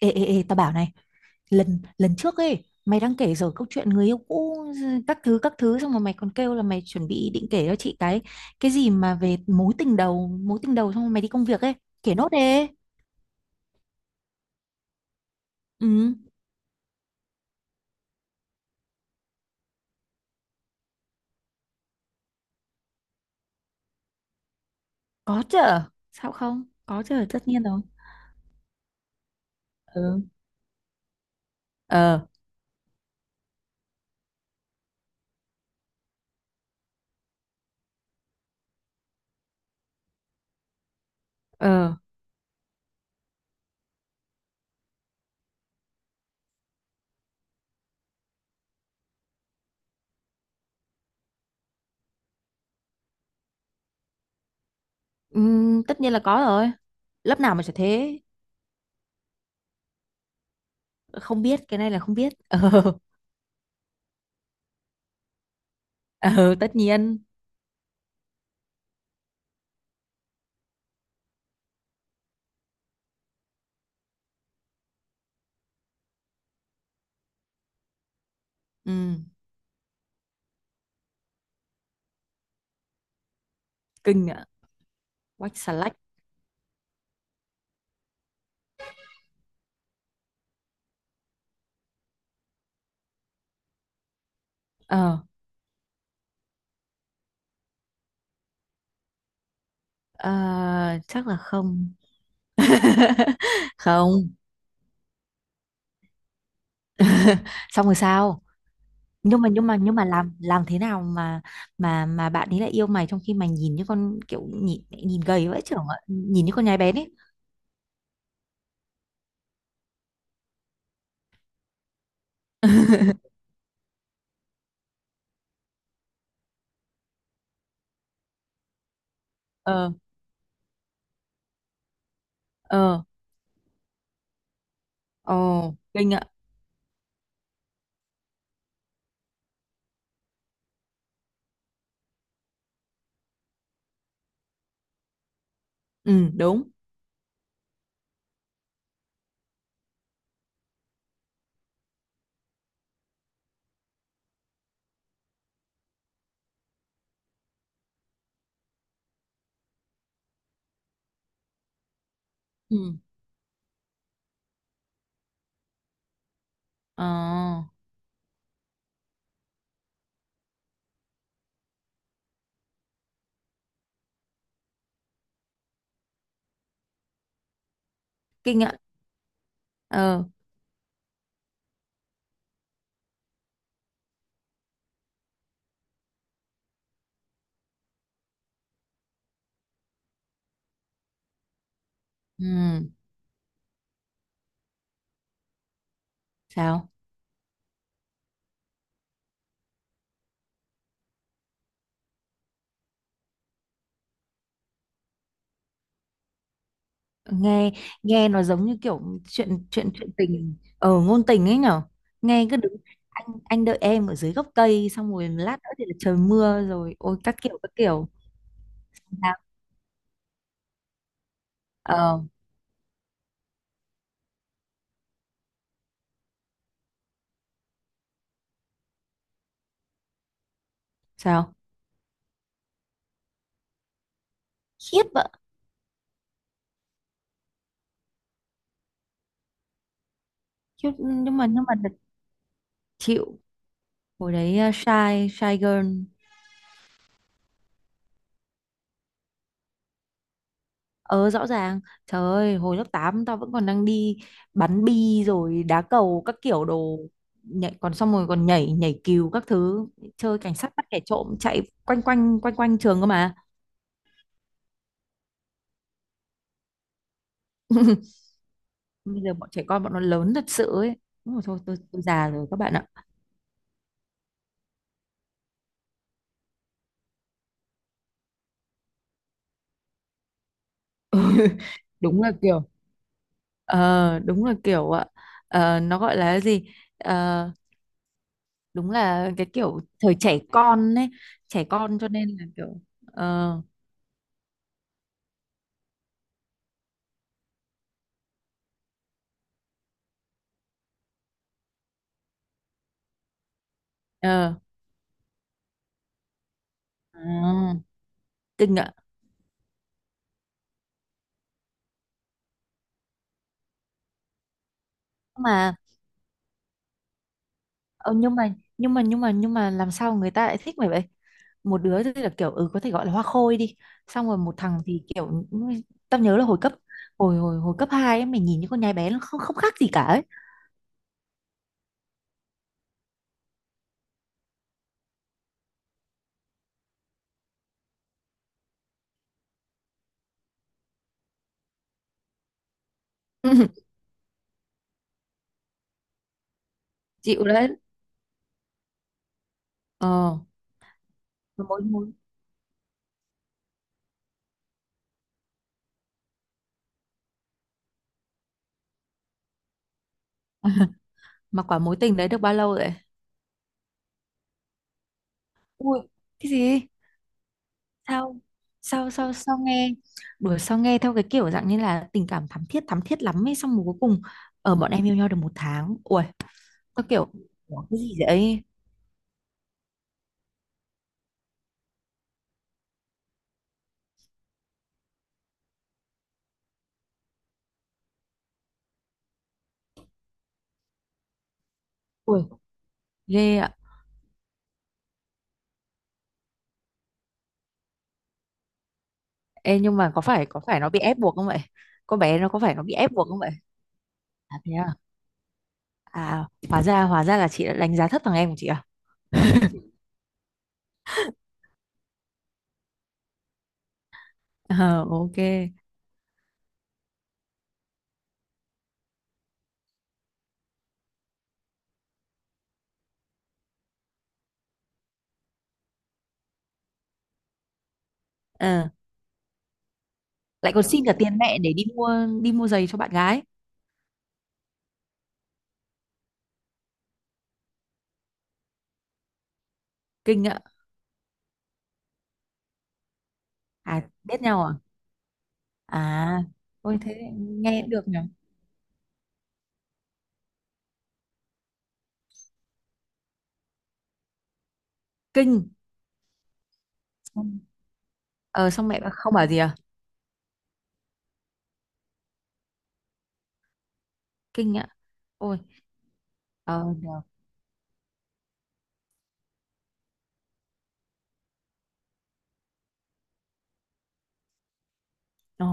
Ê, ê, ê, tao bảo này. Lần lần trước ấy mày đang kể rồi câu chuyện người yêu cũ, ừ, các thứ các thứ, xong rồi mày còn kêu là mày chuẩn bị định kể cho chị cái gì mà về mối tình đầu, mối tình đầu, xong rồi mày đi công việc ấy. Kể nốt đi. Ừ, có chứ. Sao không có chứ, tất nhiên rồi. Ừ. Ờ. Ờ. Ừ, tất nhiên là có rồi, lớp nào mà chả thế. Không biết, cái này là không biết Ờ, tất nhiên. Ừ, kinh ạ, quách xà lách. Ờ. Ờ, chắc là không. Không. Xong rồi sao? Nhưng mà làm thế nào mà bạn ấy lại yêu mày, trong khi mày nhìn như con, kiểu nhìn nhìn gầy vãi chưởng ạ, nhìn như con nhái bén ấy. Ờ. Ờ. Ồ, kinh ạ. Ừ, đúng. Ừ. Ờ, kinh ạ. Ờ. Ừ. Sao? Nghe nghe nó giống như kiểu chuyện chuyện chuyện tình ở ngôn tình ấy nhở. Nghe cứ đứng, anh đợi em ở dưới gốc cây, xong rồi lát nữa thì là trời mưa rồi, ôi các kiểu các kiểu. Sao? Ờ. Sao? Khiếp ạ. Khiếp, nhưng mà thật, chịu. Hồi đấy à, shy shy girl. Ờ, rõ ràng. Trời ơi, hồi lớp 8 tao vẫn còn đang đi bắn bi rồi đá cầu các kiểu đồ, nhảy còn, xong rồi còn nhảy nhảy cừu các thứ, chơi cảnh sát bắt kẻ trộm chạy quanh quanh quanh quanh trường cơ mà. Bây giờ bọn trẻ con, bọn nó lớn thật sự ấy. Đúng rồi, thôi tôi già rồi các bạn ạ. Đúng là kiểu. Ờ, đúng là kiểu ạ. Ờ, nó gọi là cái gì. Ờ, đúng là cái kiểu thời trẻ con ấy. Trẻ con cho nên là kiểu. Ờ. Ờ. À, kinh ạ. Mà ờ, nhưng mà làm sao người ta lại thích mày vậy? Một đứa thì là kiểu, ừ, có thể gọi là hoa khôi đi, xong rồi một thằng thì kiểu, ừ, tao nhớ là hồi cấp 2 ấy, mày nhìn những con nhái bé, nó không không khác gì cả ấy. Chịu đấy. Ờ. mà mối, mối mà quả mối tình đấy được bao lâu vậy? Ui, cái gì? Sao, sao, sao, sao, nghe đuổi. Sao nghe theo cái kiểu dạng như là tình cảm thắm thiết, thắm thiết lắm ấy, xong rồi cuối cùng ở bọn em yêu nhau được một tháng. Ui, tao kiểu "Ủa, cái gì vậy?". Ui, ghê. Ê, nhưng mà có phải nó bị ép buộc không vậy? Con bé nó có phải nó bị ép buộc không vậy? À thế à? À, hóa ra là chị đã đánh giá thấp thằng em của chị à? Ờ, ok. Ờ, lại còn xin cả tiền mẹ để đi mua giày cho bạn gái. Kinh ạ. À, biết nhau à? À, ôi thế nghe cũng được nhỉ. Kinh. Xong- không bảo gì à? Kinh ạ. Ôi. Ờ, được. Ờ.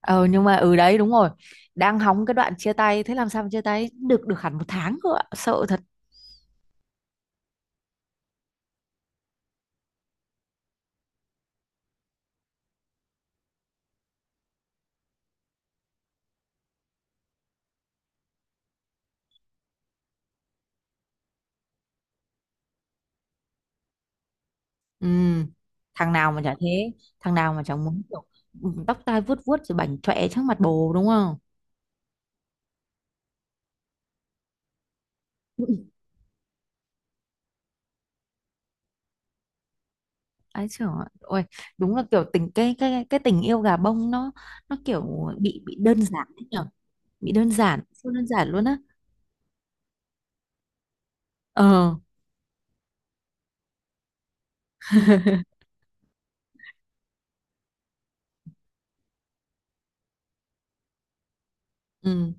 Ờ, nhưng mà ừ, đấy đúng rồi. Đang hóng cái đoạn chia tay, thế làm sao mà chia tay được được hẳn một tháng cơ ạ. Sợ. Ừ, thằng nào mà chả thế, thằng nào mà chẳng muốn kiểu, ừ, tóc tai vuốt vuốt rồi bảnh chọe trước mặt bồ đúng không? Ừ. Ấy trời ơi, đúng là kiểu tình cái tình yêu gà bông, nó kiểu bị đơn giản ấy nhở, bị đơn giản, siêu đơn giản luôn á. Ờ. Ừ,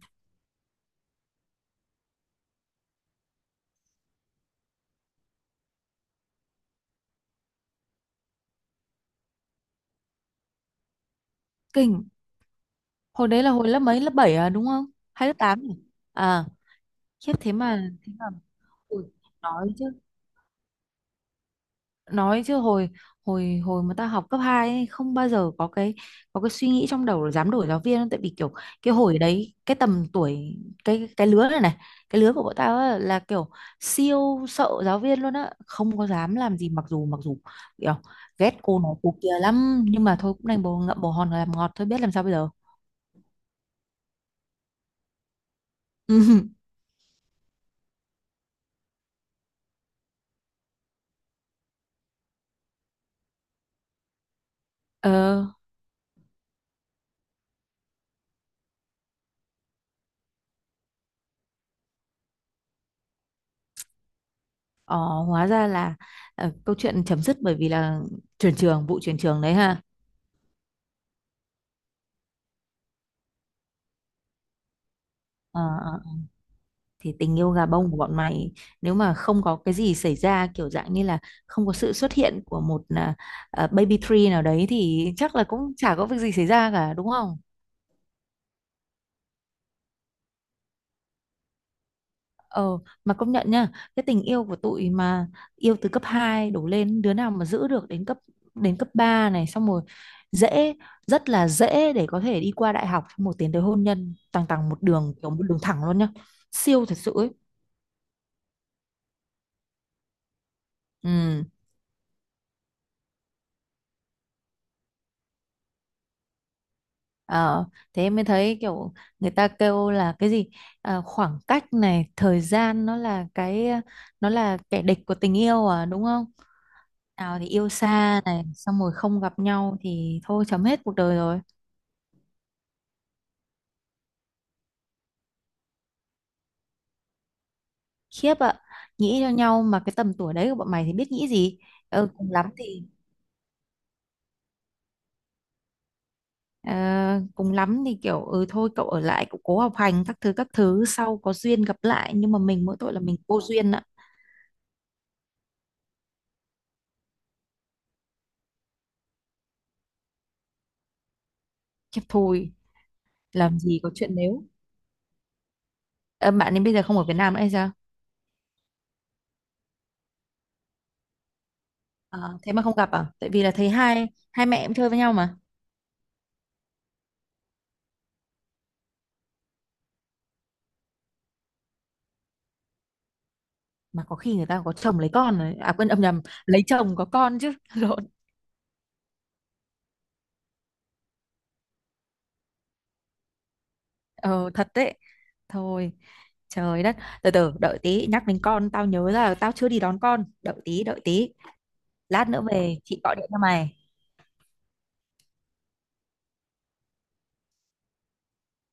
kinh. Hồi đấy là hồi lớp mấy, lớp 7 à đúng không? Hay lớp 8 nhỉ? À, khiếp, thế mà, ui, nói chứ nói chứ hồi, hồi mà ta học cấp 2 ấy, không bao giờ có cái, suy nghĩ trong đầu là dám đổi giáo viên đâu. Tại vì kiểu, cái hồi đấy, cái tầm tuổi, cái lứa này này, cái lứa của bọn tao á, là kiểu siêu sợ giáo viên luôn á, không có dám làm gì, mặc dù kiểu ghét cô nó cô kia lắm, nhưng mà thôi cũng đành bồ ngậm bồ hòn làm ngọt thôi, biết làm sao bây giờ. Ờ. Ờ, hóa ra là ờ, câu chuyện chấm dứt bởi vì là chuyển trường vụ chuyển trường đấy ha. Ờ, ờ. Thì tình yêu gà bông của bọn mày, nếu mà không có cái gì xảy ra kiểu dạng như là không có sự xuất hiện của một baby tree nào đấy thì chắc là cũng chả có việc gì xảy ra cả đúng không? Ờ, mà công nhận nha, cái tình yêu của tụi mà yêu từ cấp 2 đổ lên, đứa nào mà giữ được đến cấp 3 này, xong rồi dễ rất là dễ để có thể đi qua đại học, xong rồi tiến tới hôn nhân tằng tằng một đường, kiểu một đường thẳng luôn nhá. Siêu thật sự ấy. Ừ. Ờ, thế em mới thấy kiểu, người ta kêu là cái gì, à, khoảng cách này thời gian, nó là kẻ địch của tình yêu à đúng không? Nào thì yêu xa này, xong rồi không gặp nhau thì thôi chấm hết cuộc đời rồi. Khiếp ạ. Nghĩ cho nhau mà cái tầm tuổi đấy của bọn mày thì biết nghĩ gì. Ừ, ờ, cùng lắm thì kiểu, ừ thôi cậu ở lại cậu cố học hành các thứ các thứ, sau có duyên gặp lại, nhưng mà mình mỗi tội là mình vô duyên ạ. Khiếp thôi. Làm gì có chuyện. Nếu. Ờ, bạn ấy bây giờ không ở Việt Nam nữa hay sao? Ờ, thế mà không gặp à? Tại vì là thấy hai hai mẹ em chơi với nhau mà. Mà có khi người ta có chồng lấy con rồi. À quên, âm nhầm, lấy chồng có con chứ. Lộn. Ờ, thật đấy. Thôi, trời đất. Từ từ đợi tí, nhắc đến con tao nhớ ra là tao chưa đi đón con. Đợi tí, đợi tí. Lát nữa về chị gọi điện cho mày.